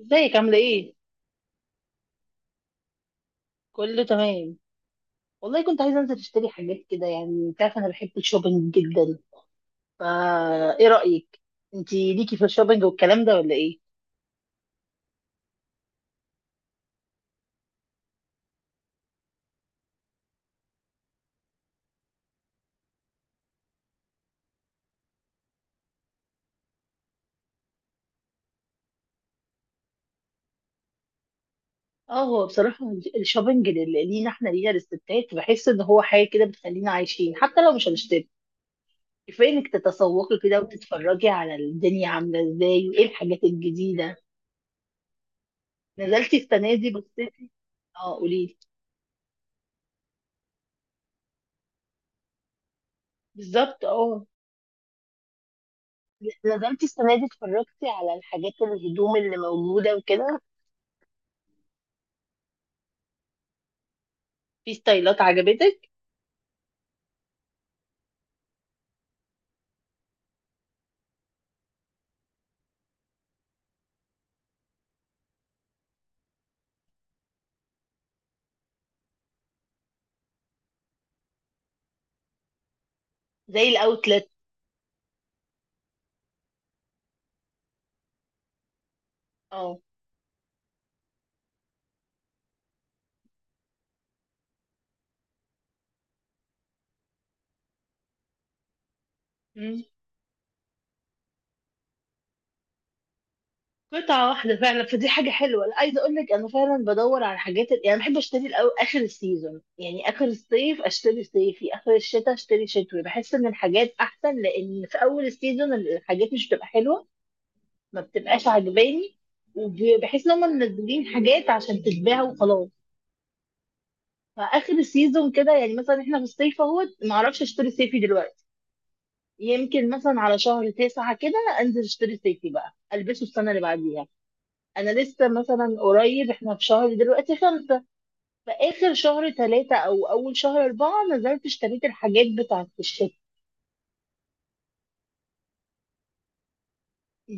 ازيك عاملة ايه؟ كله تمام. والله كنت عايزة انزل اشتري حاجات كده، يعني انت عارفة انا بحب الشوبينج جدا. فا ايه رأيك؟ انتي ليكي في الشوبينج والكلام ده ولا ايه؟ اه، هو بصراحة الشوبينج لينا، احنا لينا الستات، بحس ان هو حاجة كده بتخلينا عايشين حتى لو مش هنشتري. كفاية انك تتسوقي كده وتتفرجي على الدنيا عاملة ازاي وايه الحاجات الجديدة. نزلتي السنة دي بصيتي؟ اه قوليلي. بالظبط اه. نزلتي السنة دي اتفرجتي على الحاجات الهدوم اللي موجودة وكده؟ في ستايلات عجبتك؟ زي الاوتلت. اه. مم. قطعة واحدة فعلا، فدي حاجة حلوة. لا، عايزة اقول لك انا فعلا بدور على حاجات يعني بحب اشتري الاول اخر السيزون، يعني اخر الصيف اشتري صيفي، اخر الشتاء اشتري شتوي. بحس ان الحاجات احسن، لان في اول السيزون الحاجات مش بتبقى حلوة، ما بتبقاش عجباني. وبحس ان هم منزلين حاجات عشان تتباع وخلاص. فاخر السيزون كده، يعني مثلا احنا في الصيف اهوت، ما اعرفش اشتري صيفي دلوقتي، يمكن مثلا على شهر 9 كده انزل اشتري صيفي بقى البسه السنة اللي بعديها. انا لسه مثلا قريب، احنا في شهر دلوقتي 5، فاخر شهر 3 او اول شهر 4 نزلت اشتريت الحاجات بتاعت الشتاء.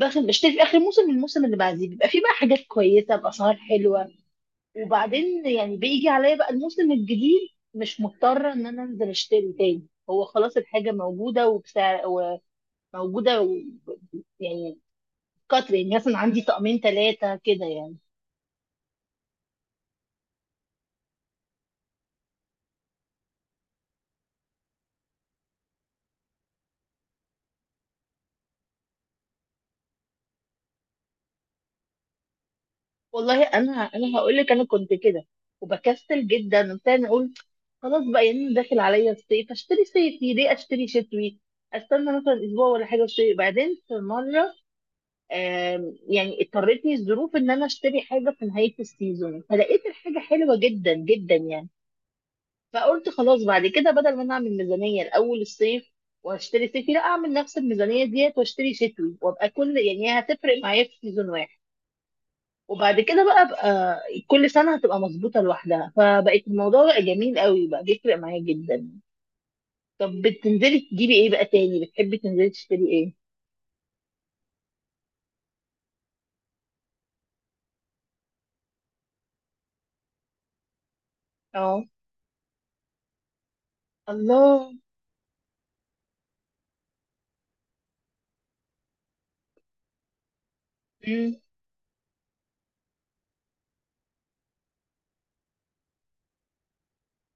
بشتري في اخر موسم، الموسم اللي بعديه بيبقى فيه بقى حاجات كويسة باسعار حلوة. وبعدين يعني بيجي عليا بقى الموسم الجديد، مش مضطرة ان انا انزل اشتري تاني، هو خلاص الحاجة موجودة وبسعر، وموجودة و... يعني كتر، يعني مثلا عندي طقمين ثلاثة كده يعني. والله انا هقول لك انا كنت كده وبكسل جدا وبتاع، اقول خلاص بقى، يعني داخل عليا الصيف اشتري صيفي، ليه اشتري شتوي؟ استنى مثلا اسبوع ولا حاجه اشتري بعدين. في مره يعني اضطرتني الظروف ان انا اشتري حاجه في نهايه السيزون، فلقيت الحاجه حلوه جدا جدا يعني. فقلت خلاص بعد كده، بدل ما انا اعمل ميزانيه الاول الصيف واشتري صيفي، لا، اعمل نفس الميزانيه ديت واشتري شتوي، وابقى كل، يعني هتفرق معايا في سيزون واحد. وبعد كده بقى كل سنة هتبقى مظبوطة لوحدها، فبقت الموضوع بقى جميل قوي، بقى بيفرق معايا جدا. طب بتنزلي تجيبي ايه بقى تاني؟ بتحبي تنزلي تشتري ايه؟ اه الله. مم.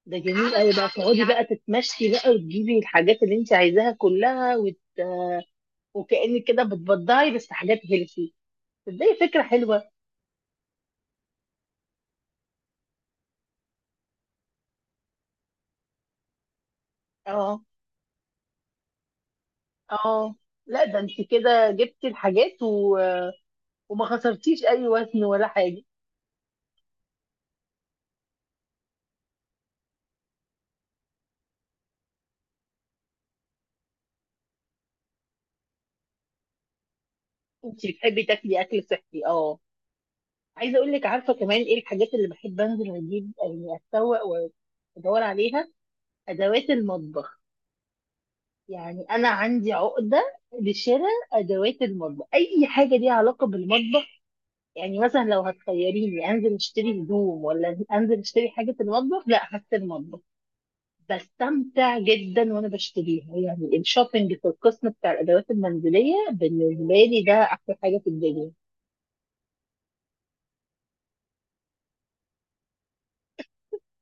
ده جميل قوي بقى، تقعدي بقى تتمشي بقى وتجيبي الحاجات اللي انت عايزاها كلها. وكأنك كده بتبضعي بس حاجات هيلثي. تصدقي فكرة حلوة. اه. اه. لا، ده انت كده جبتي الحاجات وما خسرتيش اي وزن ولا حاجة. انت بتحبي تاكلي اكل صحي؟ اه. عايزه اقول لك، عارفه كمان ايه الحاجات اللي بحب انزل اجيب، يعني اتسوق وادور عليها؟ ادوات المطبخ. يعني انا عندي عقده لشراء ادوات المطبخ، اي حاجه ليها علاقه بالمطبخ. يعني مثلا لو هتخيريني انزل اشتري هدوم ولا انزل اشتري حاجه في المطبخ، لا، هشتري المطبخ. بستمتع جدا وانا بشتريها، يعني الشوبينج في القسم بتاع الادوات المنزليه بالنسبه لي ده احلى حاجه في الدنيا.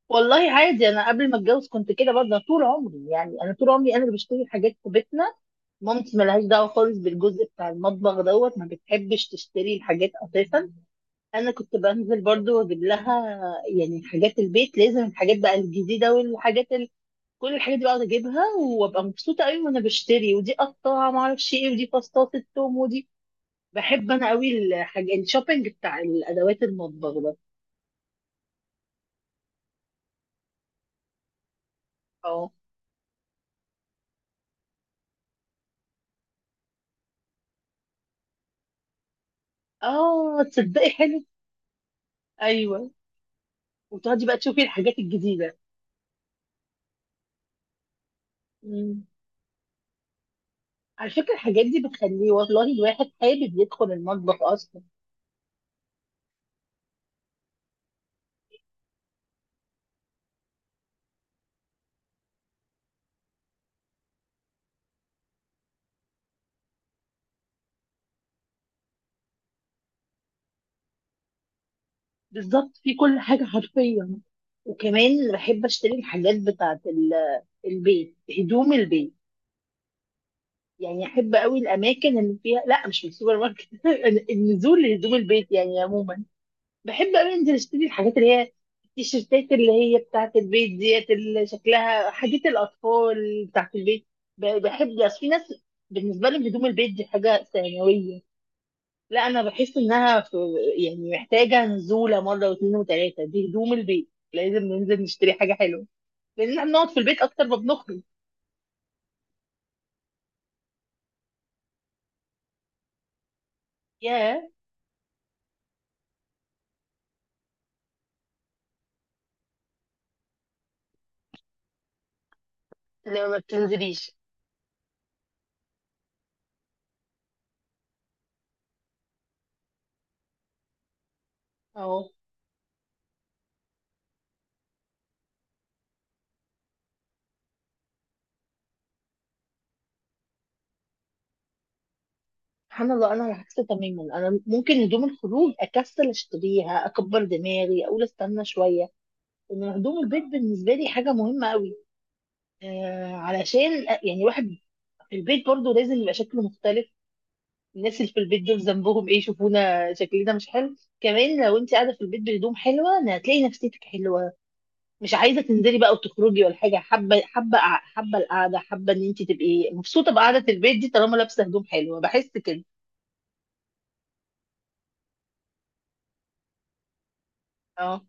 والله عادي، انا قبل ما اتجوز كنت كده برضه طول عمري، يعني انا طول عمري انا اللي بشتري الحاجات في بيتنا. مامتي ملهاش دعوه خالص بالجزء بتاع المطبخ دوت، ما بتحبش تشتري الحاجات اساسا. انا كنت بنزل برضه واجيب لها، يعني حاجات البيت لازم، الحاجات بقى الجديده كل الحاجات دي بقعد اجيبها وابقى مبسوطه قوي وانا بشتري، ودي قطاعه ما اعرفش ايه، ودي فاستات التوم، ودي، بحب انا قوي الحاجه الشوبينج بتاع الادوات المطبخ ده. اه. اه تصدقي حلو. ايوه. وتقعدي بقى تشوفي الحاجات الجديدة. مم. على فكرة الحاجات دي بتخليه والله الواحد حابب يدخل المطبخ أصلا. بالظبط، في كل حاجة حرفيا. وكمان بحب أشتري الحاجات بتاعة البيت، هدوم البيت. يعني أحب قوي الأماكن اللي فيها، لا مش من السوبر ماركت. النزول لهدوم البيت يعني عموما، بحب أوي أنزل أشتري الحاجات اللي هي التيشيرتات اللي هي بتاعة البيت ديت، اللي شكلها حاجات الأطفال بتاعة البيت. بحب، بس في ناس بالنسبة لهم هدوم البيت دي حاجة ثانوية. لا، أنا بحس إنها في، يعني محتاجة نزولة مرة واتنين وتلاتة. دي هدوم البيت لازم ننزل نشتري حاجة حلوة، لأن إحنا بنقعد في البيت أكتر ما بنخرج. ياه. لما ما بتنزليش. أهو. سبحان الله، انا العكس تماما، انا ممكن هدوم الخروج اكسل اشتريها، اكبر دماغي اقول استنى شويه. ان هدوم البيت بالنسبه لي حاجه مهمه قوي. آه، علشان يعني الواحد في البيت برضه لازم يبقى شكله مختلف، الناس اللي في البيت دول ذنبهم ايه، شوفونا شكلنا مش حلو؟ كمان لو انت قاعده في البيت بهدوم حلوه هتلاقي نفسيتك حلوه، مش عايزه تنزلي بقى وتخرجي ولا حاجه، حابه، حابه القعده، حابه ان انت تبقي مبسوطه بقعده البيت دي طالما لابسه هدوم حلوه، بحس كده. اه.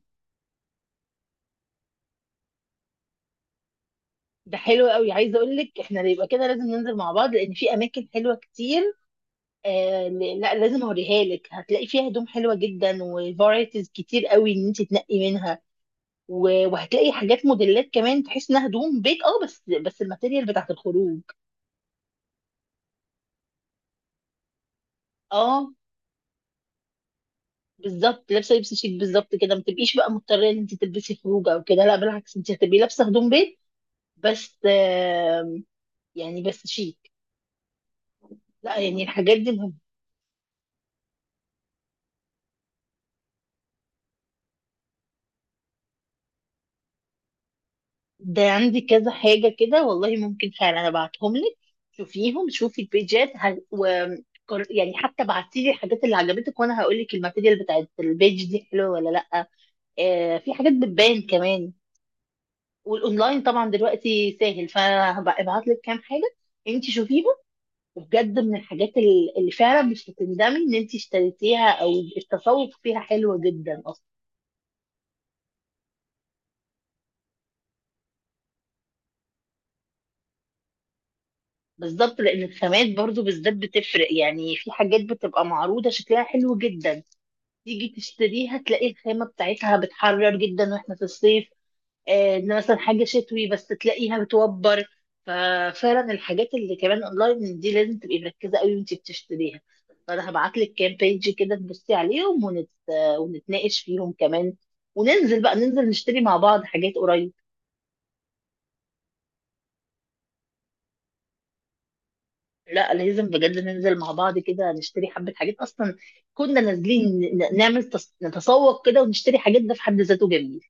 ده حلو قوي. عايزه اقول لك، احنا يبقى كده لازم ننزل مع بعض، لان في اماكن حلوه كتير. آه لا، لازم اوريها لك، هتلاقي فيها هدوم حلوه جدا وفرايتيز كتير قوي ان انت تنقي منها. وهتلاقي حاجات موديلات كمان تحس انها هدوم بيت اه، بس الماتيريال بتاعت الخروج. اه بالظبط، لابسه لبس شيك بالظبط كده، ما تبقيش بقى مضطره ان انت تلبسي خروج او كده، لا بالعكس، انت هتبقي لابسه هدوم بيت بس آه، يعني بس شيك. لا يعني الحاجات دي، ده عندي كذا حاجة كده والله، ممكن فعلا ابعتهم لك شوفيهم، شوفي البيجات ه... و... قر- يعني حتى بعتي لي الحاجات اللي عجبتك وانا هقول لك الماتيريال بتاعت البيج دي حلوه ولا لا. آه في حاجات بتبان كمان، والاونلاين طبعا دلوقتي سهل، فانا هبعت لك كام حاجة انت شوفيهم. وبجد من الحاجات اللي فعلا مش هتندمي ان انت اشتريتيها، او التسوق فيها حلو جدا اصلا. بالظبط، لان الخامات برضو بالذات بتفرق، يعني في حاجات بتبقى معروضة شكلها حلو جدا، تيجي تشتريها تلاقي الخامة بتاعتها بتحرر جدا واحنا في الصيف. آه، إن مثلا حاجة شتوي بس تلاقيها بتوبر. ففعلا الحاجات اللي كمان اونلاين دي لازم تبقي مركزة قوي وانتي بتشتريها. فانا هبعت لك كام بيج كده تبصي عليهم ونتناقش فيهم كمان، وننزل بقى، ننزل نشتري مع بعض حاجات قريب. لا لازم بجد ننزل مع بعض كده نشتري حبة حاجات اصلا، كنا نازلين، نتسوق كده ونشتري حاجات، ده في حد ذاته جميل.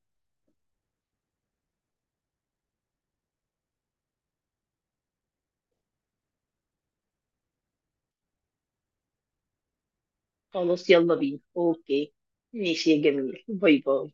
خلاص يلا بينا، اوكي ماشي يا جميل. باي باي.